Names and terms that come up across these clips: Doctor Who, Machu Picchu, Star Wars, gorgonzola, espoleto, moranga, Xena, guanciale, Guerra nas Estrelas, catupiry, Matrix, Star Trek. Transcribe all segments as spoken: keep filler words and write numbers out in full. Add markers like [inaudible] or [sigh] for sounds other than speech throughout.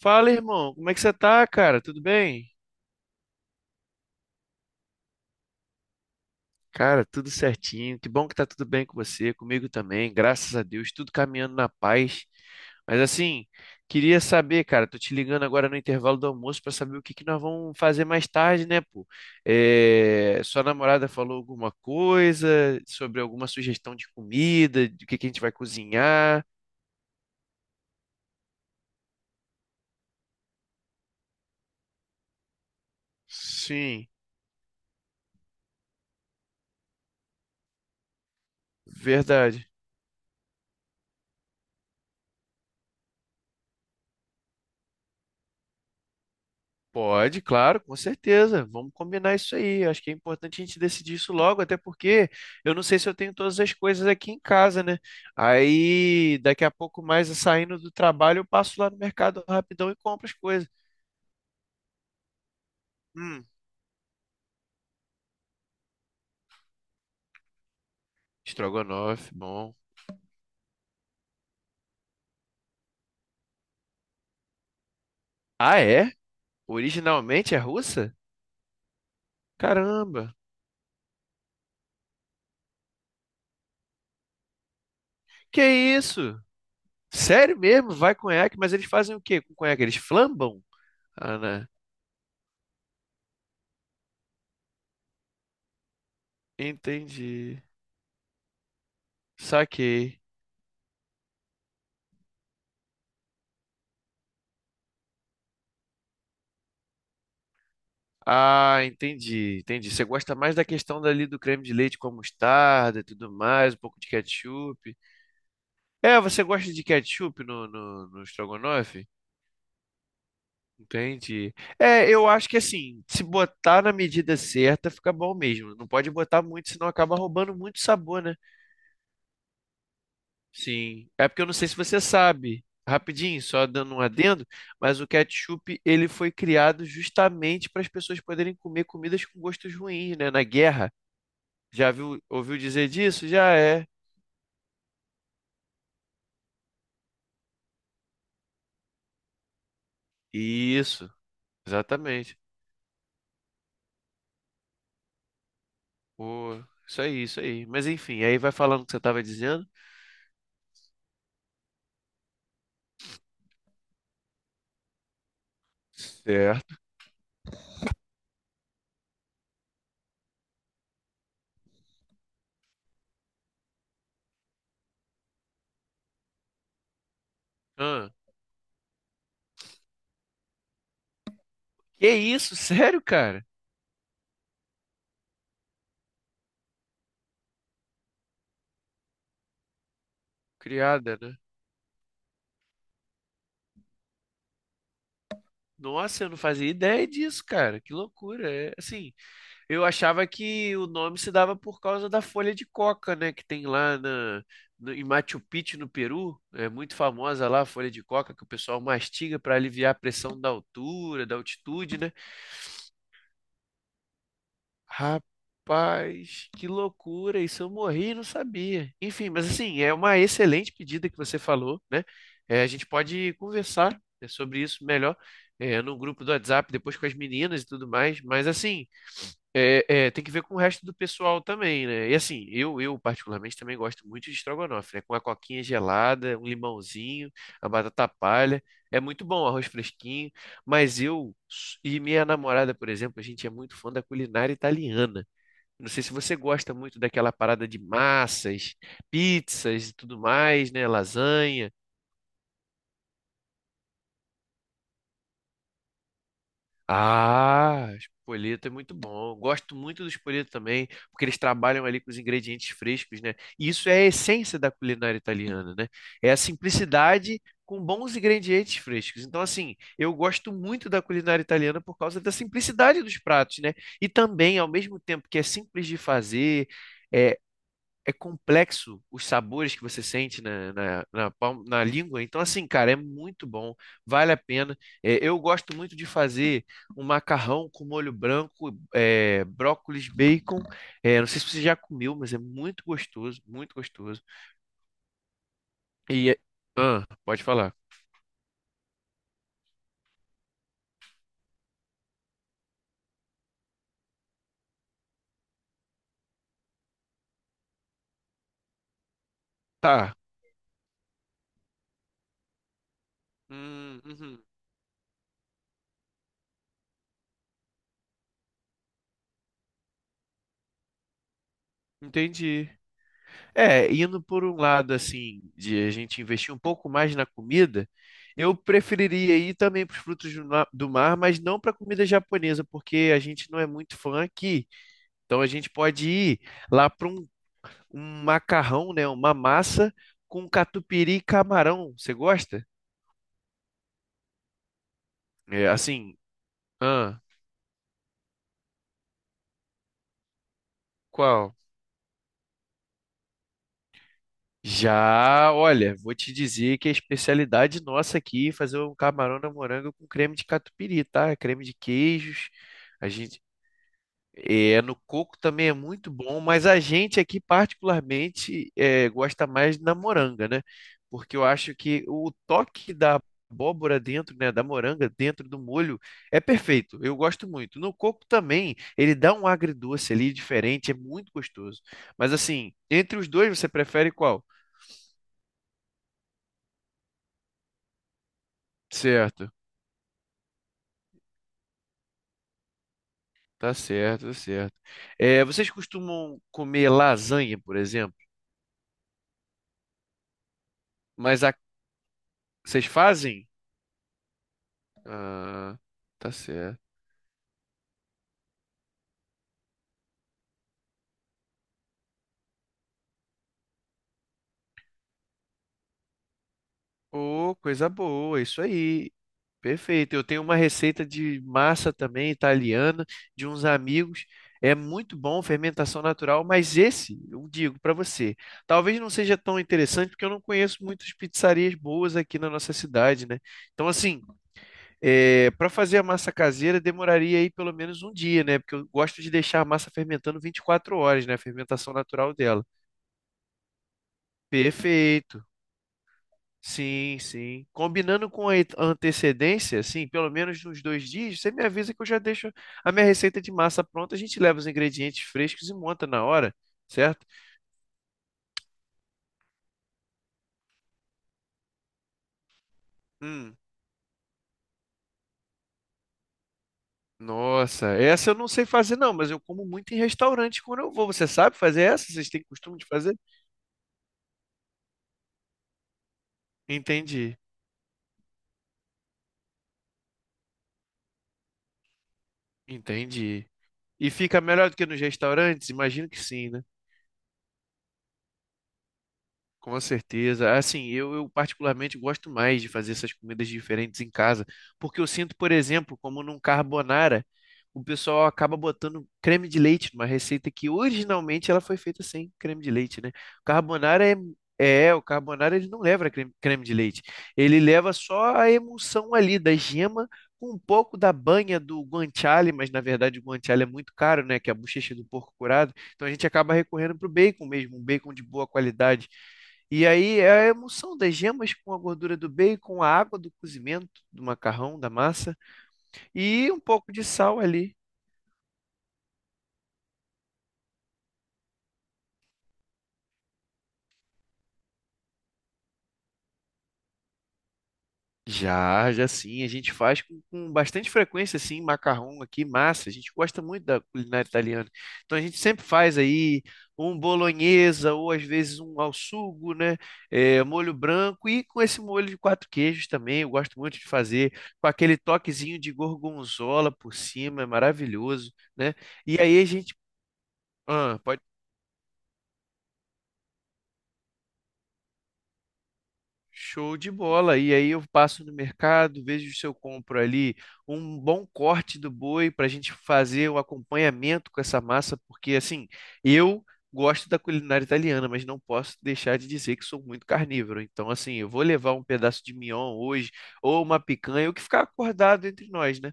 Fala, irmão, como é que você tá, cara? Tudo bem? Cara, tudo certinho. Que bom que tá tudo bem com você, comigo também. Graças a Deus, tudo caminhando na paz. Mas assim, queria saber, cara, tô te ligando agora no intervalo do almoço pra saber o que que nós vamos fazer mais tarde, né, pô? É, Sua namorada falou alguma coisa sobre alguma sugestão de comida, de que que a gente vai cozinhar? Sim, verdade. Pode, claro, com certeza. Vamos combinar isso aí. Acho que é importante a gente decidir isso logo, até porque eu não sei se eu tenho todas as coisas aqui em casa, né? Aí, daqui a pouco mais, saindo do trabalho, eu passo lá no mercado rapidão e compro as coisas. Hum, estrogonofe, bom. Ah, é? Originalmente é russa? Caramba. Que isso? Sério mesmo? Vai conhaque, mas eles fazem o quê com conhaque? Eles flambam? Ah, né? Entendi. Saquei. Ah, entendi, entendi. Você gosta mais da questão dali do creme de leite com a mostarda e tudo mais, um pouco de ketchup. É, você gosta de ketchup no, no, no estrogonofe? Entendi. É, eu acho que assim, se botar na medida certa, fica bom mesmo. Não pode botar muito, senão acaba roubando muito sabor, né? Sim. É porque eu não sei se você sabe, rapidinho, só dando um adendo, mas o ketchup, ele foi criado justamente para as pessoas poderem comer comidas com gostos ruins, né? Na guerra. Já viu, ouviu dizer disso? Já é. Isso, exatamente. Pô, isso aí, isso aí. Mas enfim, aí vai falando o que você tava dizendo. Certo. Ah, que isso? [laughs] Sério, cara? Criada, né? Nossa, eu não fazia ideia disso, cara. Que loucura. É, assim, eu achava que o nome se dava por causa da folha de coca, né? Que tem lá na, no- em Machu Picchu, no Peru. É muito famosa lá a folha de coca que o pessoal mastiga para aliviar a pressão da altura, da altitude, né? Rapaz, que loucura! Isso eu morri e não sabia. Enfim, mas assim, é uma excelente pedida que você falou, né? É, a gente pode conversar, né, sobre isso melhor, é, no grupo do WhatsApp, depois com as meninas e tudo mais. Mas assim, é, é, tem que ver com o resto do pessoal também, né? E assim, eu, eu particularmente também gosto muito de estrogonofe, né? Com a coquinha gelada, um limãozinho, a batata palha. É muito bom, arroz fresquinho. Mas eu e minha namorada, por exemplo, a gente é muito fã da culinária italiana. Não sei se você gosta muito daquela parada de massas, pizzas e tudo mais, né? Lasanha. Ah, espoleto é muito bom. Gosto muito do espoleto também, porque eles trabalham ali com os ingredientes frescos, né? E isso é a essência da culinária italiana, né? É a simplicidade com bons ingredientes frescos. Então, assim, eu gosto muito da culinária italiana por causa da simplicidade dos pratos, né? E também, ao mesmo tempo que é simples de fazer, é é complexo os sabores que você sente na, na, na, palma- na língua. Então, assim, cara, é muito bom, vale a pena. É, eu gosto muito de fazer um macarrão com molho branco, é, brócolis, bacon. É, não sei se você já comeu, mas é muito gostoso, muito gostoso. E é- ah, pode falar. Tá. Hum, uhum. Entendi. É, indo por um lado assim, de a gente investir um pouco mais na comida, eu preferiria ir também para os frutos do na- do mar, mas não para comida japonesa, porque a gente não é muito fã aqui. Então a gente pode ir lá para um, um macarrão, né, uma massa com catupiry e camarão. Você gosta? É, assim, ah, qual? Já, olha, vou te dizer que a especialidade nossa aqui é fazer um camarão na moranga com creme de catupiry, tá? Creme de queijos. A gente É, no coco também é muito bom, mas a gente aqui particularmente é, gosta mais da moranga, né? Porque eu acho que o toque da abóbora dentro, né, da moranga dentro do molho é perfeito. Eu gosto muito. No coco também, ele dá um agridoce ali diferente, é muito gostoso. Mas assim, entre os dois você prefere qual? Certo, tá certo, tá certo. É, vocês costumam comer lasanha, por exemplo? Mas a- vocês fazem? Ah, tá certo. Ô, coisa boa, isso aí. Perfeito. Eu tenho uma receita de massa também italiana de uns amigos. É muito bom, fermentação natural, mas esse, eu digo para você, talvez não seja tão interessante porque eu não conheço muitas pizzarias boas aqui na nossa cidade, né? Então, assim, para fazer a massa caseira demoraria aí pelo menos um dia, né? Porque eu gosto de deixar a massa fermentando vinte e quatro horas, né? A fermentação natural dela. Perfeito. Sim, sim. Combinando com a et- a antecedência, assim, pelo menos nos dois dias, você me avisa que eu já deixo a minha receita de massa pronta. A gente leva os ingredientes frescos e monta na hora, certo? Hum, nossa, essa eu não sei fazer, não, mas eu como muito em restaurante quando eu vou. Você sabe fazer essa? Vocês têm costume de fazer? Entendi, entendi. E fica melhor do que nos restaurantes? Imagino que sim, Com certeza. Assim, eu, eu particularmente gosto mais de fazer essas comidas diferentes em casa, porque eu sinto, por exemplo, como num carbonara, o pessoal acaba botando creme de leite numa receita que originalmente ela foi feita sem creme de leite, né? O carbonara é, é, o carbonara ele não leva creme, creme de leite. Ele leva só a emulsão ali da gema com um pouco da banha do guanciale, mas na verdade o guanciale é muito caro, né? Que é a bochecha do porco curado. Então a gente acaba recorrendo para o bacon mesmo, um bacon de boa qualidade. E aí é a emulsão das gemas com a gordura do bacon, a água do cozimento do macarrão, da massa e um pouco de sal ali. Já, já sim, a gente faz com, com bastante frequência, assim, macarrão aqui, massa. A gente gosta muito da culinária italiana. Então a gente sempre faz aí um bolonhesa ou às vezes um ao sugo, né? É, molho branco e com esse molho de quatro queijos também. Eu gosto muito de fazer com aquele toquezinho de gorgonzola por cima, é maravilhoso, né? E aí a gente Ah, pode. Show de bola. E aí eu passo no mercado, vejo se eu compro ali um bom corte do boi para a gente fazer o acompanhamento com essa massa, porque assim, eu gosto da culinária italiana, mas não posso deixar de dizer que sou muito carnívoro. Então, assim, eu vou levar um pedaço de mignon hoje, ou uma picanha, o que ficar acordado entre nós, né?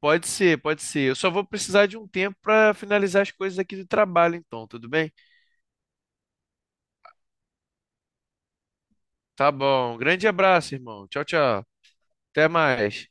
Pode ser, pode ser. Eu só vou precisar de um tempo para finalizar as coisas aqui do trabalho, então, tudo bem? Tá bom. Grande abraço, irmão. Tchau, tchau. Até mais.